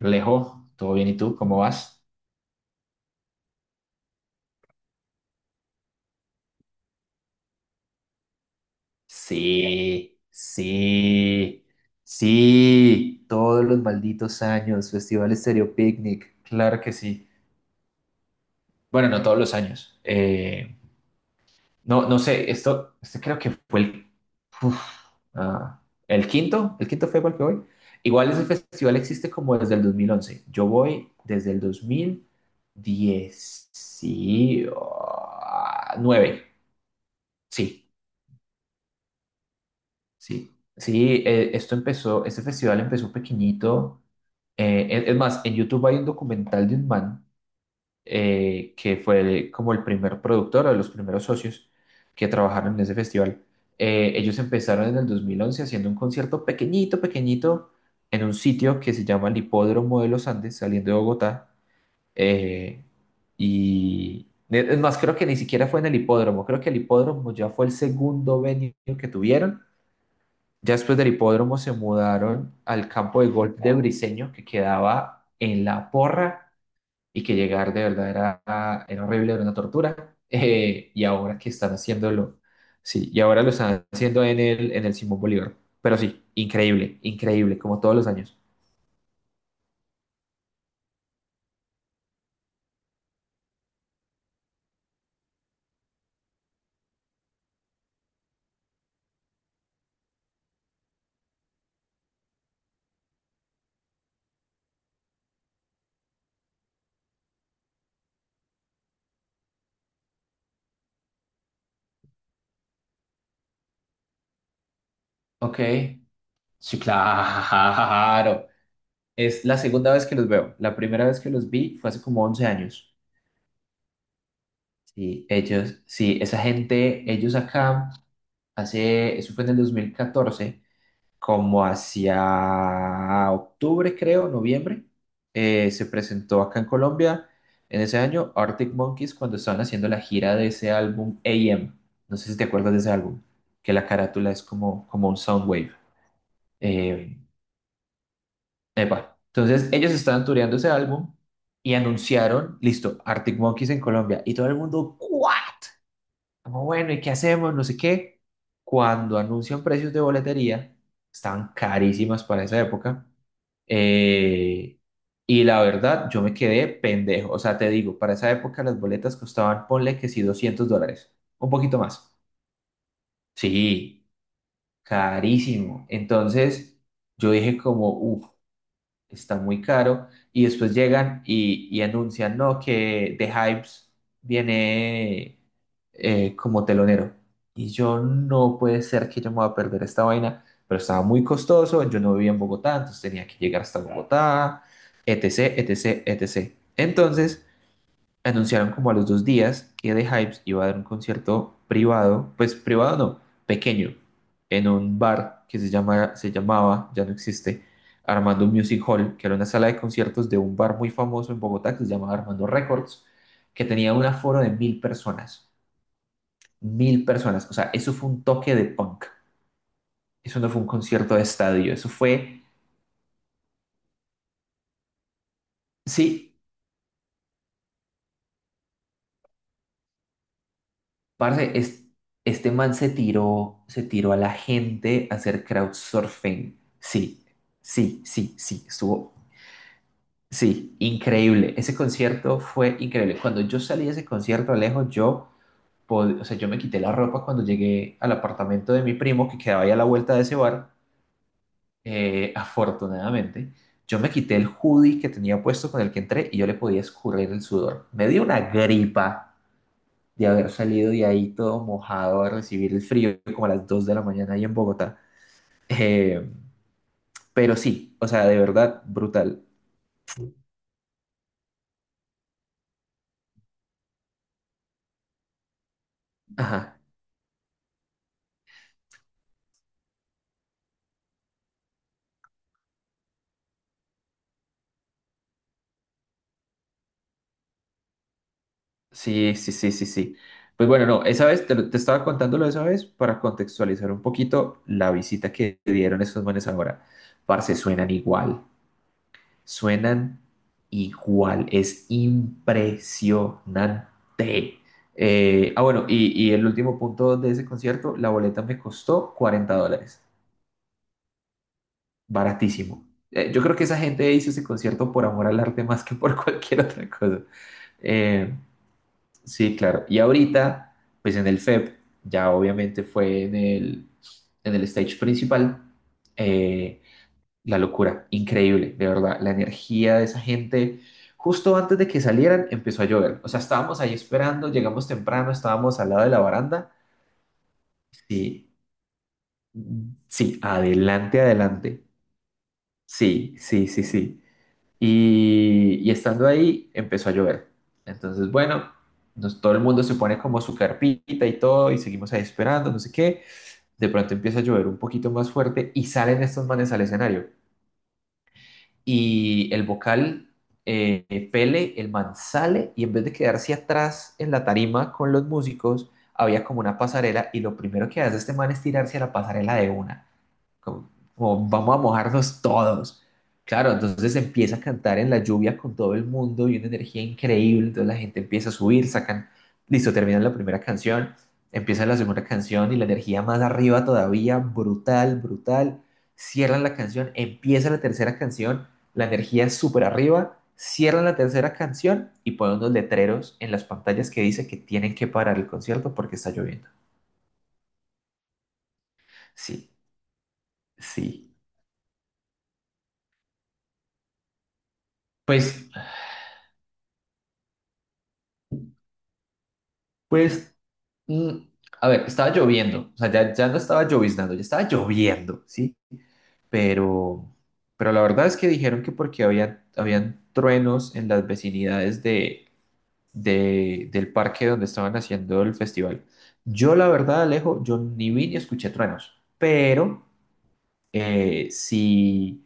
Alejo, ¿todo bien? ¿Y tú? ¿Cómo vas? Sí, sí, sí, todos los malditos años, Festival Estéreo Picnic, claro que sí. Bueno, no todos los años. No, no sé, este creo que fue uf, ah, el quinto, el quinto fue igual que voy. Igual ese festival existe como desde el 2011. Yo voy desde el 2019, sí, sí, sí. Este festival empezó pequeñito. Es más, en YouTube hay un documental de un man, que fue como el primer productor o de los primeros socios que trabajaron en ese festival. Ellos empezaron en el 2011 haciendo un concierto pequeñito, pequeñito, en un sitio que se llama el Hipódromo de los Andes, saliendo de Bogotá. eh, y es más, creo que ni siquiera fue en el hipódromo. Creo que el hipódromo ya fue el segundo venue que tuvieron. Ya después del hipódromo se mudaron al campo de golf de Briseño, que quedaba en La Porra, y que llegar de verdad era, era horrible, era una tortura. Y ahora que están haciéndolo, sí, y ahora lo están haciendo en el Simón Bolívar. Pero sí, increíble, increíble, como todos los años. Ok, sí, claro. Es la segunda vez que los veo. La primera vez que los vi fue hace como 11 años. Sí, ellos, sí, esa gente, ellos acá. Eso fue en el 2014, como hacia octubre, creo, noviembre. Se presentó acá en Colombia en ese año Arctic Monkeys cuando estaban haciendo la gira de ese álbum AM. No sé si te acuerdas de ese álbum, que la carátula es como un soundwave. Eh, Epa. Entonces ellos estaban tureando ese álbum y anunciaron, listo, Arctic Monkeys en Colombia. Y todo el mundo, ¿what? Como, bueno, ¿y qué hacemos? No sé qué. Cuando anuncian precios de boletería, estaban carísimas para esa época. eh, y la verdad, yo me quedé pendejo. O sea, te digo, para esa época las boletas costaban, ponle que sí, $200, un poquito más. Sí, carísimo. Entonces, yo dije como, está muy caro. Y después llegan y anuncian, no, que The Hypes viene, como telonero. Y yo, no puede ser que yo me voy a perder esta vaina, pero estaba muy costoso, yo no vivía en Bogotá, entonces tenía que llegar hasta Claro. Bogotá, etc., etc., etc. Entonces anunciaron como a los 2 días que The Hypes iba a dar un concierto privado, pues privado no, pequeño, en un bar que se llama, se llamaba, ya no existe, Armando Music Hall, que era una sala de conciertos de un bar muy famoso en Bogotá que se llamaba Armando Records, que tenía un aforo de 1.000 personas, 1.000 personas. O sea, eso fue un toque de punk. Eso no fue un concierto de estadio. Eso fue, sí, parce, este man se tiró a la gente a hacer crowdsurfing. Sí, sí, sí, sí, estuvo, sí, increíble. Ese concierto fue increíble. Cuando yo salí de ese concierto, Alejo, yo, o sea, yo me quité la ropa cuando llegué al apartamento de mi primo que quedaba ahí a la vuelta de ese bar. Afortunadamente, yo me quité el hoodie que tenía puesto con el que entré, y yo le podía escurrir el sudor. Me dio una gripa de haber salido de ahí todo mojado a recibir el frío como a las 2 de la mañana ahí en Bogotá. Eh, pero sí, o sea, de verdad, brutal. Ajá, sí, sí, sí, sí, sí. Pues bueno, no, esa vez, te estaba contándolo esa vez para contextualizar un poquito la visita que dieron esos manes ahora. Parce, suenan igual. Suenan igual, es impresionante. Bueno, y el último punto de ese concierto, la boleta me costó $40, baratísimo. Yo creo que esa gente hizo ese concierto por amor al arte más que por cualquier otra cosa. Eh, sí, claro. Y ahorita, pues en el FEP, ya obviamente fue en el stage principal. eh, La locura, increíble, de verdad. La energía de esa gente. Justo antes de que salieran, empezó a llover. O sea, estábamos ahí esperando, llegamos temprano, estábamos al lado de la baranda. Sí, sí, adelante, adelante. Sí, sí, sí, sí. Y estando ahí, empezó a llover. Entonces, bueno, todo el mundo se pone como su carpita y todo, y seguimos ahí esperando, no sé qué. De pronto empieza a llover un poquito más fuerte y salen estos manes al escenario. Y el vocal, Pele, el man sale, y en vez de quedarse atrás en la tarima con los músicos, había como una pasarela, y lo primero que hace este man es tirarse a la pasarela de una, como, vamos a mojarnos todos. Claro, entonces empieza a cantar en la lluvia con todo el mundo y una energía increíble, entonces la gente empieza a subir, sacan, listo, terminan la primera canción, empieza la segunda canción y la energía más arriba todavía, brutal, brutal, cierran la canción, empieza la tercera canción, la energía súper arriba, cierran la tercera canción y ponen unos letreros en las pantallas que dice que tienen que parar el concierto porque está lloviendo. Sí, sí. Pues, pues Mm, a ver, estaba lloviendo, o sea, ya no estaba lloviznando, ya estaba lloviendo, ¿sí? Pero, pero la verdad es que dijeron que porque había, habían truenos en las vecinidades del parque donde estaban haciendo el festival. Yo, la verdad, Alejo, yo ni vi ni escuché truenos, pero sí,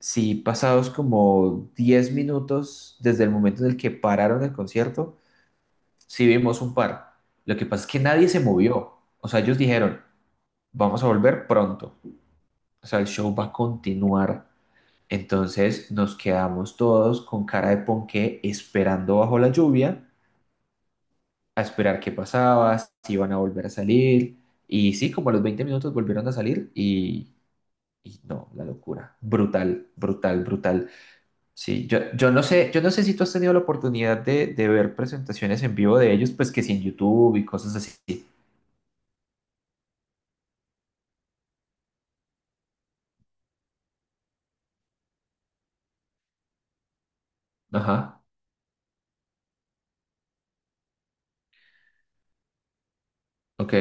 sí pasados como 10 minutos desde el momento en el que pararon el concierto, sí vimos un par. Lo que pasa es que nadie se movió, o sea, ellos dijeron: vamos a volver pronto. O sea, el show va a continuar. Entonces nos quedamos todos con cara de ponqué esperando bajo la lluvia, a esperar qué pasaba, si iban a volver a salir. Y sí, como a los 20 minutos volvieron a salir y no, la locura. Brutal, brutal, brutal. Sí, yo no sé si tú has tenido la oportunidad de ver presentaciones en vivo de ellos, pues que sí en YouTube y cosas así. Ajá, ok.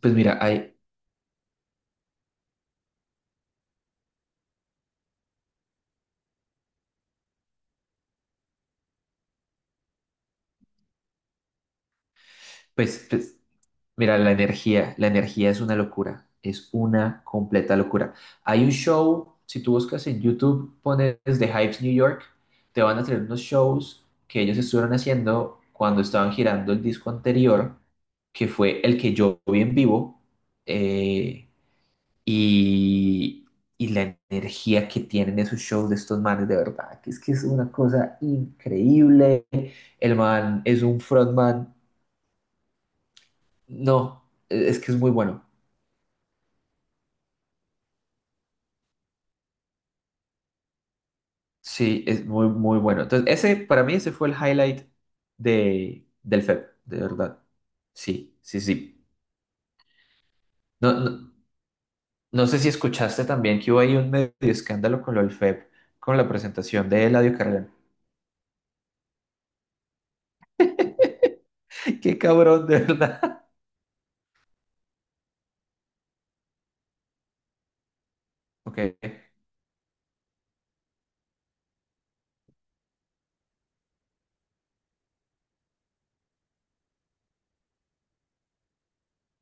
Pues mira, hay, pues, pues mira, la energía es una locura, es una completa locura. Hay un show, si tú buscas en YouTube, pones The Hypes New York, te van a traer unos shows que ellos estuvieron haciendo cuando estaban girando el disco anterior, que fue el que yo vi en vivo. Eh, y, y la energía que tienen esos shows de estos manes, de verdad, que es una cosa increíble. El man es un frontman, no, es que es muy bueno. Sí, es muy, muy bueno. Entonces, ese, para mí, ese fue el highlight del FEP, de verdad. Sí, sí, sí. No, no, no sé si escuchaste también que hubo ahí un medio escándalo con lo del FEP, con la presentación de Eladio Carrión. ¡Qué cabrón, de verdad! Ok,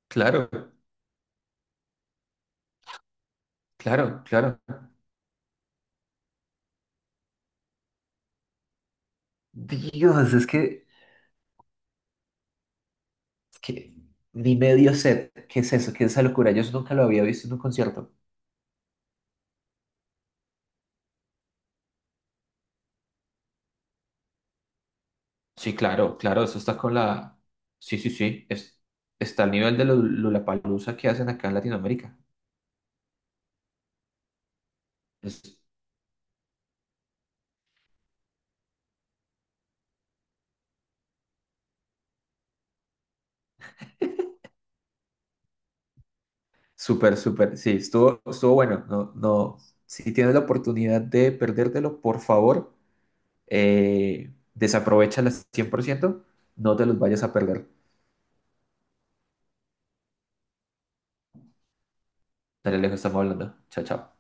claro, claro, claro. Dios, es que ni medio set, ¿qué es eso? ¿Qué es esa locura? Yo eso nunca lo había visto en un concierto. Sí, claro, claro, eso está con la. Sí, sí, sí, está al nivel de la palusa que hacen acá en Latinoamérica. Es súper, súper, sí, estuvo, estuvo bueno. No, no, si tienes la oportunidad de perdértelo, por favor, desaprovéchala 100%, no te los vayas a perder. Dale, lejos, estamos hablando. Chao, chao.